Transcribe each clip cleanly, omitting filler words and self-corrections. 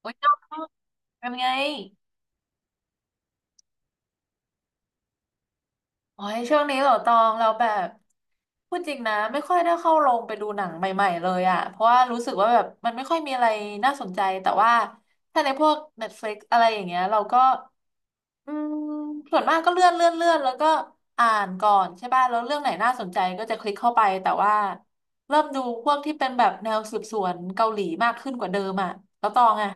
โอ้ยองเป็นไงโอ้ยช่วงนี้เหรอตองเราแบบพูดจริงนะไม่ค่อยได้เข้าโรงไปดูหนังใหม่ๆเลยอะเพราะว่ารู้สึกว่าแบบมันไม่ค่อยมีอะไรน่าสนใจแต่ว่าถ้าในพวก Netflix อะไรอย่างเงี้ยเราก็อืมส่วนมากก็เลื่อนแล้วก็อ่านก่อนใช่ป่ะแล้วเรื่องไหนน่าสนใจก็จะคลิกเข้าไปแต่ว่าเริ่มดูพวกที่เป็นแบบแนวสืบสวนเกาหลีมากขึ้นกว่าเดิมอะแล้วตองอะ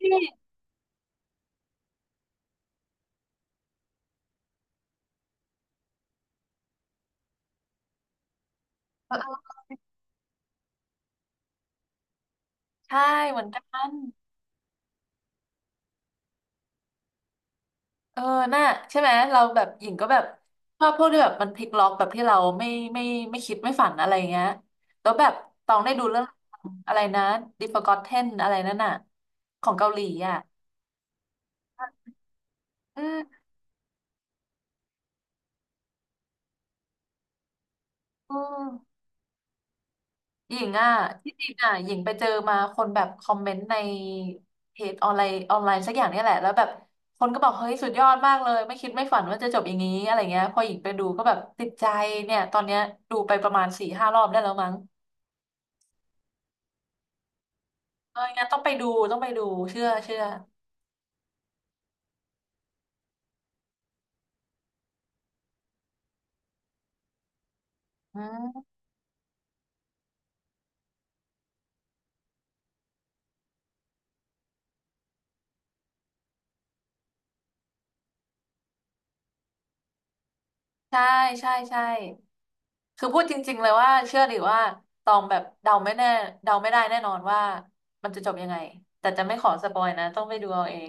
ใช่เออเออใช่เหมือนกัน เออน่าใช่ไหมเราแบบหญิงก็แบบชอบพวกที่แบบมันพลิกล็อกแบบที่เราไม่ไม่คิดไม่ฝันอะไรเงี้ยแล้วแบบตองได้ดูเรื่องอะไรนะ The Forgotten อะไรนั่นน่ะของเกาหลีอ่ะอืมอืมหญิงอ่ะที่จริงอ่ะหญิงไปเจอมาคนแบบคอมเมนต์ในเพจออนไลน์สักอย่างเนี่ยแหละแล้วแบบคนก็บอกเฮ้ยสุดยอดมากเลยไม่คิดไม่ฝันว่าจะจบอย่างนี้อะไรเงี้ยพอหญิงไปดูก็แบบติดใจเนี่ยตอนเนี้ยดูไปประมาณสี่ห้ารอบได้แล้วมั้ง เอองั้นต้องไปดูเชื่ออืมใช่ใช่คือพูดจริงๆเลยว่าเชื่อหรือว่าตองแบบเดาไม่แน่เดาไม่ได้แน่นอนว่ามันจะจบยังไงแต่จะไม่ขอสปอยนะต้องไปดูเอาเอง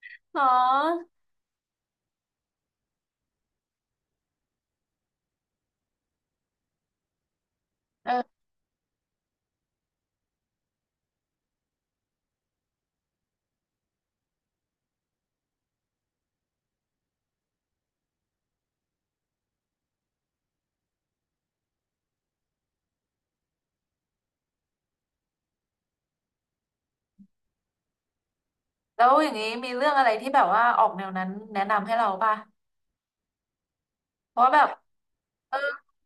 เนาะเออแล้วอย่างนี้มีเรื่องอะไรที่แบบว่าออกแนวนั้นแนะนำให้เราป่ะ เพราะว่าแบบเออ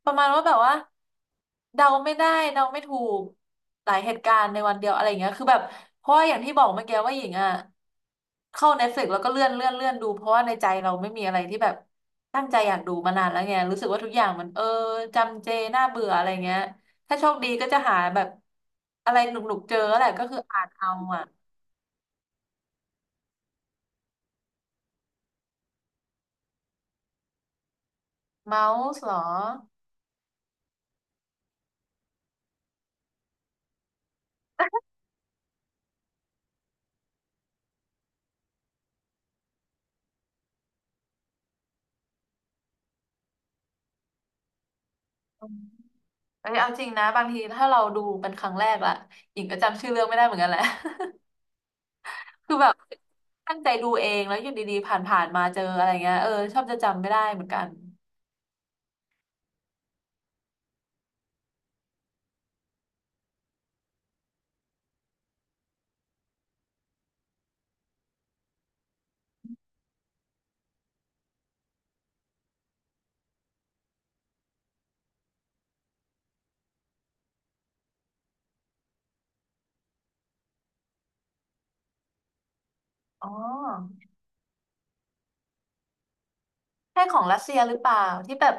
ประมาณว่าแบบว่าเดาไม่ได้เดาไม่ถูกหลายเหตุการณ์ในวันเดียวอะไรอย่างเงี้ยคือแบบเพราะว่าอย่างที่บอกเมื่อกี้ว่าหญิงอ่ะเข้า Netflix แล้วก็เลื่อนดูเพราะว่าในใจเราไม่มีอะไรที่แบบตั้งใจอยากดูมานานแล้วไงรู้สึกว่าทุกอย่างมันจำเจน่าเบื่ออะไรเงี้ยถ้าโชคดีก็จะหาแบบอะไรหนุกๆเจอแหละก็คืออ่านเอาอ่ะเมาส์เหรอเอ้ยเอาจริงนะบางทีถ้าเราดูเป็นครั้งแรกล่ะหญิงก็จำชื่อเรื่องไม่ได้เหมือนกันแหละ คือแบบตั้งใจดูเองแล้วอยู่ดีๆผ่านๆมาเจออะไรเงี้ยเออชอบจะจำไม่ได้เหมือนกันอ๋อใช่ของรัสเซียหรือเปล่าที่แบบ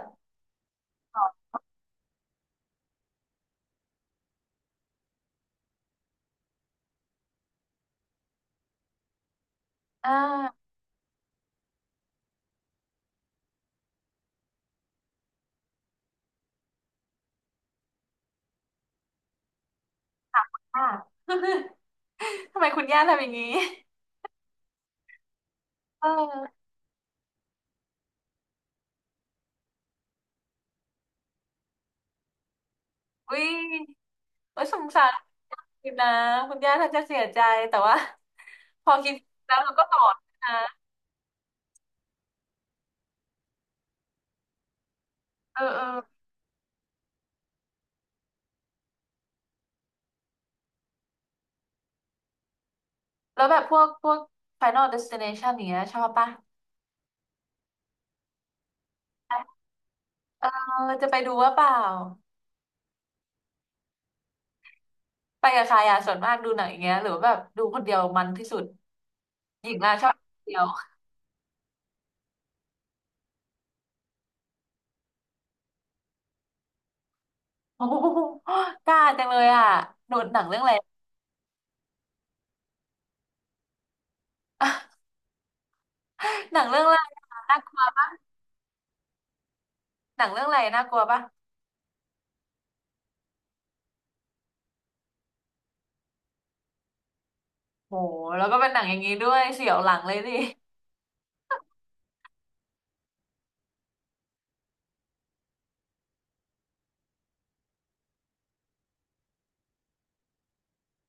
อ่าอ่า ทำไมคุณย่าทำอย่างนี้เอออุ้ยโอ้ยสงสารคุณนะคุณย่าท่านจะเสียใจแต่ว่า พอคิดแล้วเราก็สอนนะเออแล้วแบบพวก Final Destination อย่างเงี้ยชอบปะเออจะไปดูว่าเปล่า ไปกับใครอ่ะส่วนมากดูหนังอย่างเงี้ยหรือว่าแบบดูคนเดียวมันที่สุดหญิงอ่ะชอบคนเดียว โอ้โหกล้าจังเลยอ่ะหนูหนังเรื่องอะไร หนังเรื่องอะไรอะน่ากลัวหนังเรื่องอะไรน่ากลัวปะโหแล้วก็เป็นหนังอย่างนี้ด้วยเสียวหลังเลยดิ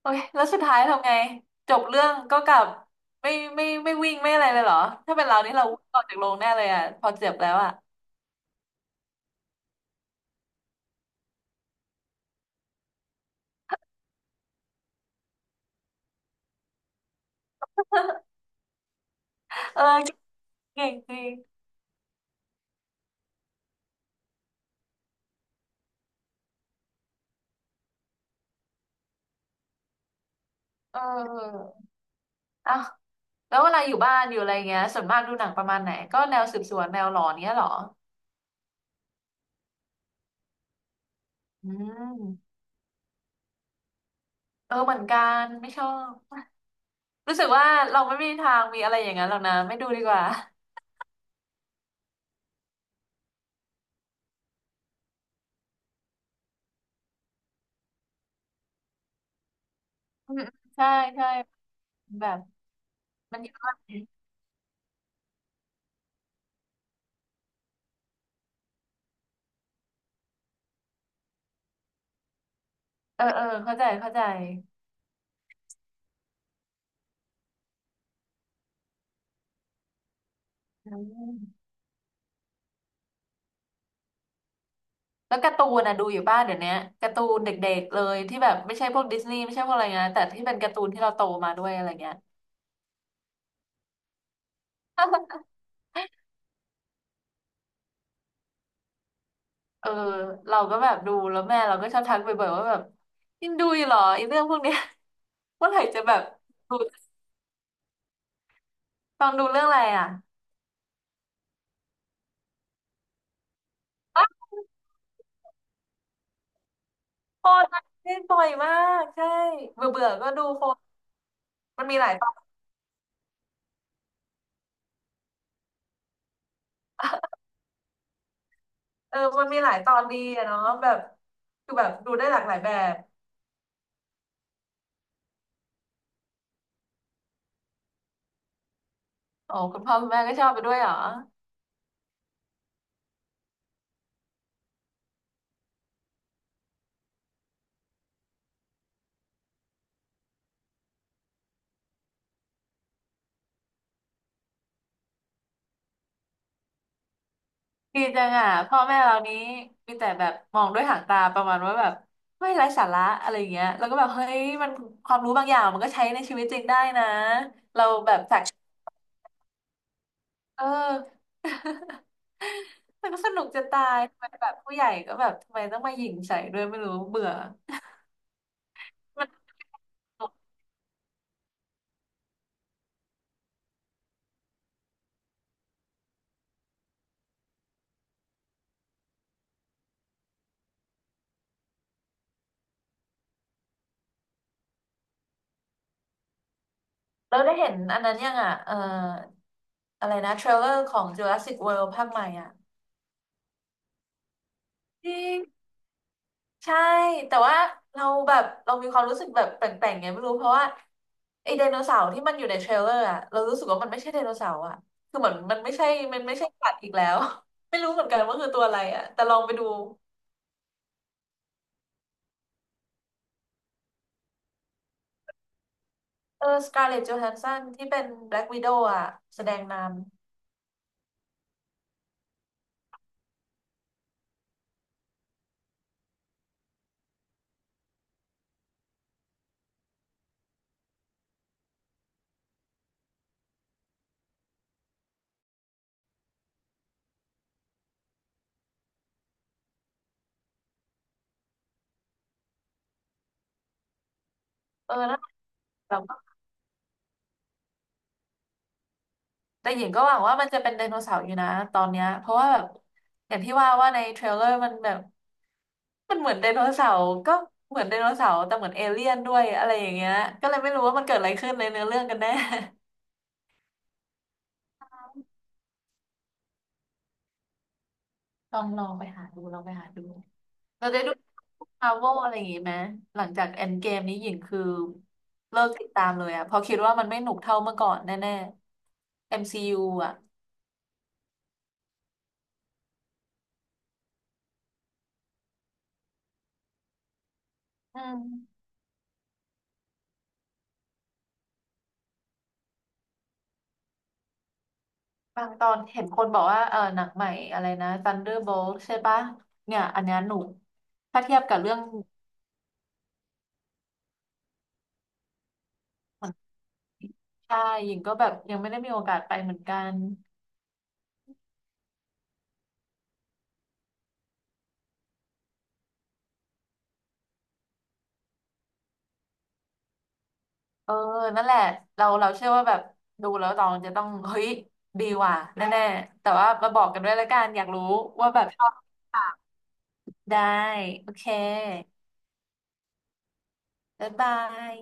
โอ้ยแล้วสุดท้ายทำไงจบเรื่องก็กลับไม่ไม่วิ่งไม่อะไรเลยเหรอถ้าเป็นเรานี่เราวิ่งออกจากโรงแน่เลยอ่ะพอเจ็บแล้วอ่ะเออเก่งจริงเอออ่ะ แล้วเวลาอยู่บ้านอยู่อะไรเงี้ยส่วนมากดูหนังประมาณไหนก็แนวสืบสวนแนวหลอนเงี้ยเหรออืมเออเหมือนกันไม่ชอบรู้สึกว่าเราไม่มีทางมีอะไรอย่างนั้นหรอกนะไม่ดูดีกว่าอืมๆใช่ใช่แบบมันเยอะมากเออเข้าใจอืมแล้วการ์ตูนนะดูอยู่บ้านเดี๋ยวนี้การ์ตูนเด็กๆเลยที่แบบไม่ใช่พวกดิสนีย์ไม่ใช่พวกอะไรเงี้ยแต่ที่เป็นการ์ตูนที่เราโตมาด้วยอะไรเงี้ย เออเราก็แบบดูแล้วแม่เราก็ชอบทักบ่อยๆว่าแบบยังดูอยู่เหรอไอ้เรื่องพวกเนี้ย เมื่อไหร่จะแบบดูตองดูเรื่องอะไรอ่ะอ่ะโฟนเล่นบ่อยมากใช่เบื่อเบื่อก็ดูโฟนมันมีหลายตอนเออมันมีหลายตอนดีอะเนาะแบบคือแบบดูได้หลากหลายแบบอ๋อคุณพ่อคุณแม่ก็ชอบไปด้วยเหรอ ดีจังอ่ะพ่อแม่เรานี้มีแต่แบบมองด้วยหางตาประมาณว่าแบบไม่ไร้สาระอะไรอย่างเงี้ยแล้วก็แบบเฮ้ยมันความรู้บางอย่างมันก็ใช้ในชีวิตจริงได้นะเราแบบจากเออ มันก็สนุกจะตายทำไมแบบผู้ใหญ่ก็แบบทำไมต้องมาหยิ่งใส่ด้วยไม่รู้เบื่อมันเราได้เห็นอันนั้นยังอ่ะอะไรนะเทรลเลอร์ของ Jurassic World ภาคใหม่อ่ะจริง ใช่แต่ว่าเราแบบเรามีความรู้สึกแบบแปลกๆไงไม่รู้เพราะว่าไอไดโนเสาร์ที่มันอยู่ในเทรลเลอร์อะเรารู้สึกว่ามันไม่ใช่ไดโนเสาร์อะคือเหมือนมันไม่ใช่สัตว์อีกแล้ว ไม่รู้เหมือนกันว่าคือตัวอะไรอะแต่ลองไปดูเออสการ์เลตโจแฮนสันที่เป็นแบล็กวิโดวอะแสดงนำเออนั่นแหละแต่ว่แต่หญิงก็หวังว่ามันจะเป็นไดโนเสาร์อยู่นะตอนเนี้ยเพราะว่าแบบอย่างที่ว่าว่าในเทรลเลอร์มันแบบ มันเหมือนไดโนเสาร์ก็เหมือนไดโนเสาร์แต่เหมือนเอเลี่ยนด้วยอะไรอย่างเงี้ยก็เลยไม่รู้ว่ามันเกิดอะไรขึ้นในเนื้อเรื่องกันแน่ ลองลองไปหาดูเราได้ดูมาร์วอะไรอย่างงี้ไหมหลังจาก Endgame นี้หญิงคือเลิกติดตามเลยอะเพราะคิดว่ามันไม่หนุกเท่าเมื่อก่อนแน่ๆ MCU อมซียูอะอืมบางตอนเห็นคนบอกว่าเออหนังใหม่อะไรนะ Thunderbolt ใช่ปะเนี่ยอันเนี้ยหนุกถ้าเทียบกับเรื่องของชายหญิงก็แบบยังไม่ได้มีโอกาสไปเหมือนกัน เออ นั่นแหละ เราเชื่อว่าแบบดูแล้วตองจะต้องเฮ้ยดีว่ะแน่ๆแต่ว่ามาบอกกันด้วยละกันอยากรู้ว่าแบบชอบหรือเปล่าได้โอเคบ๊ายบาย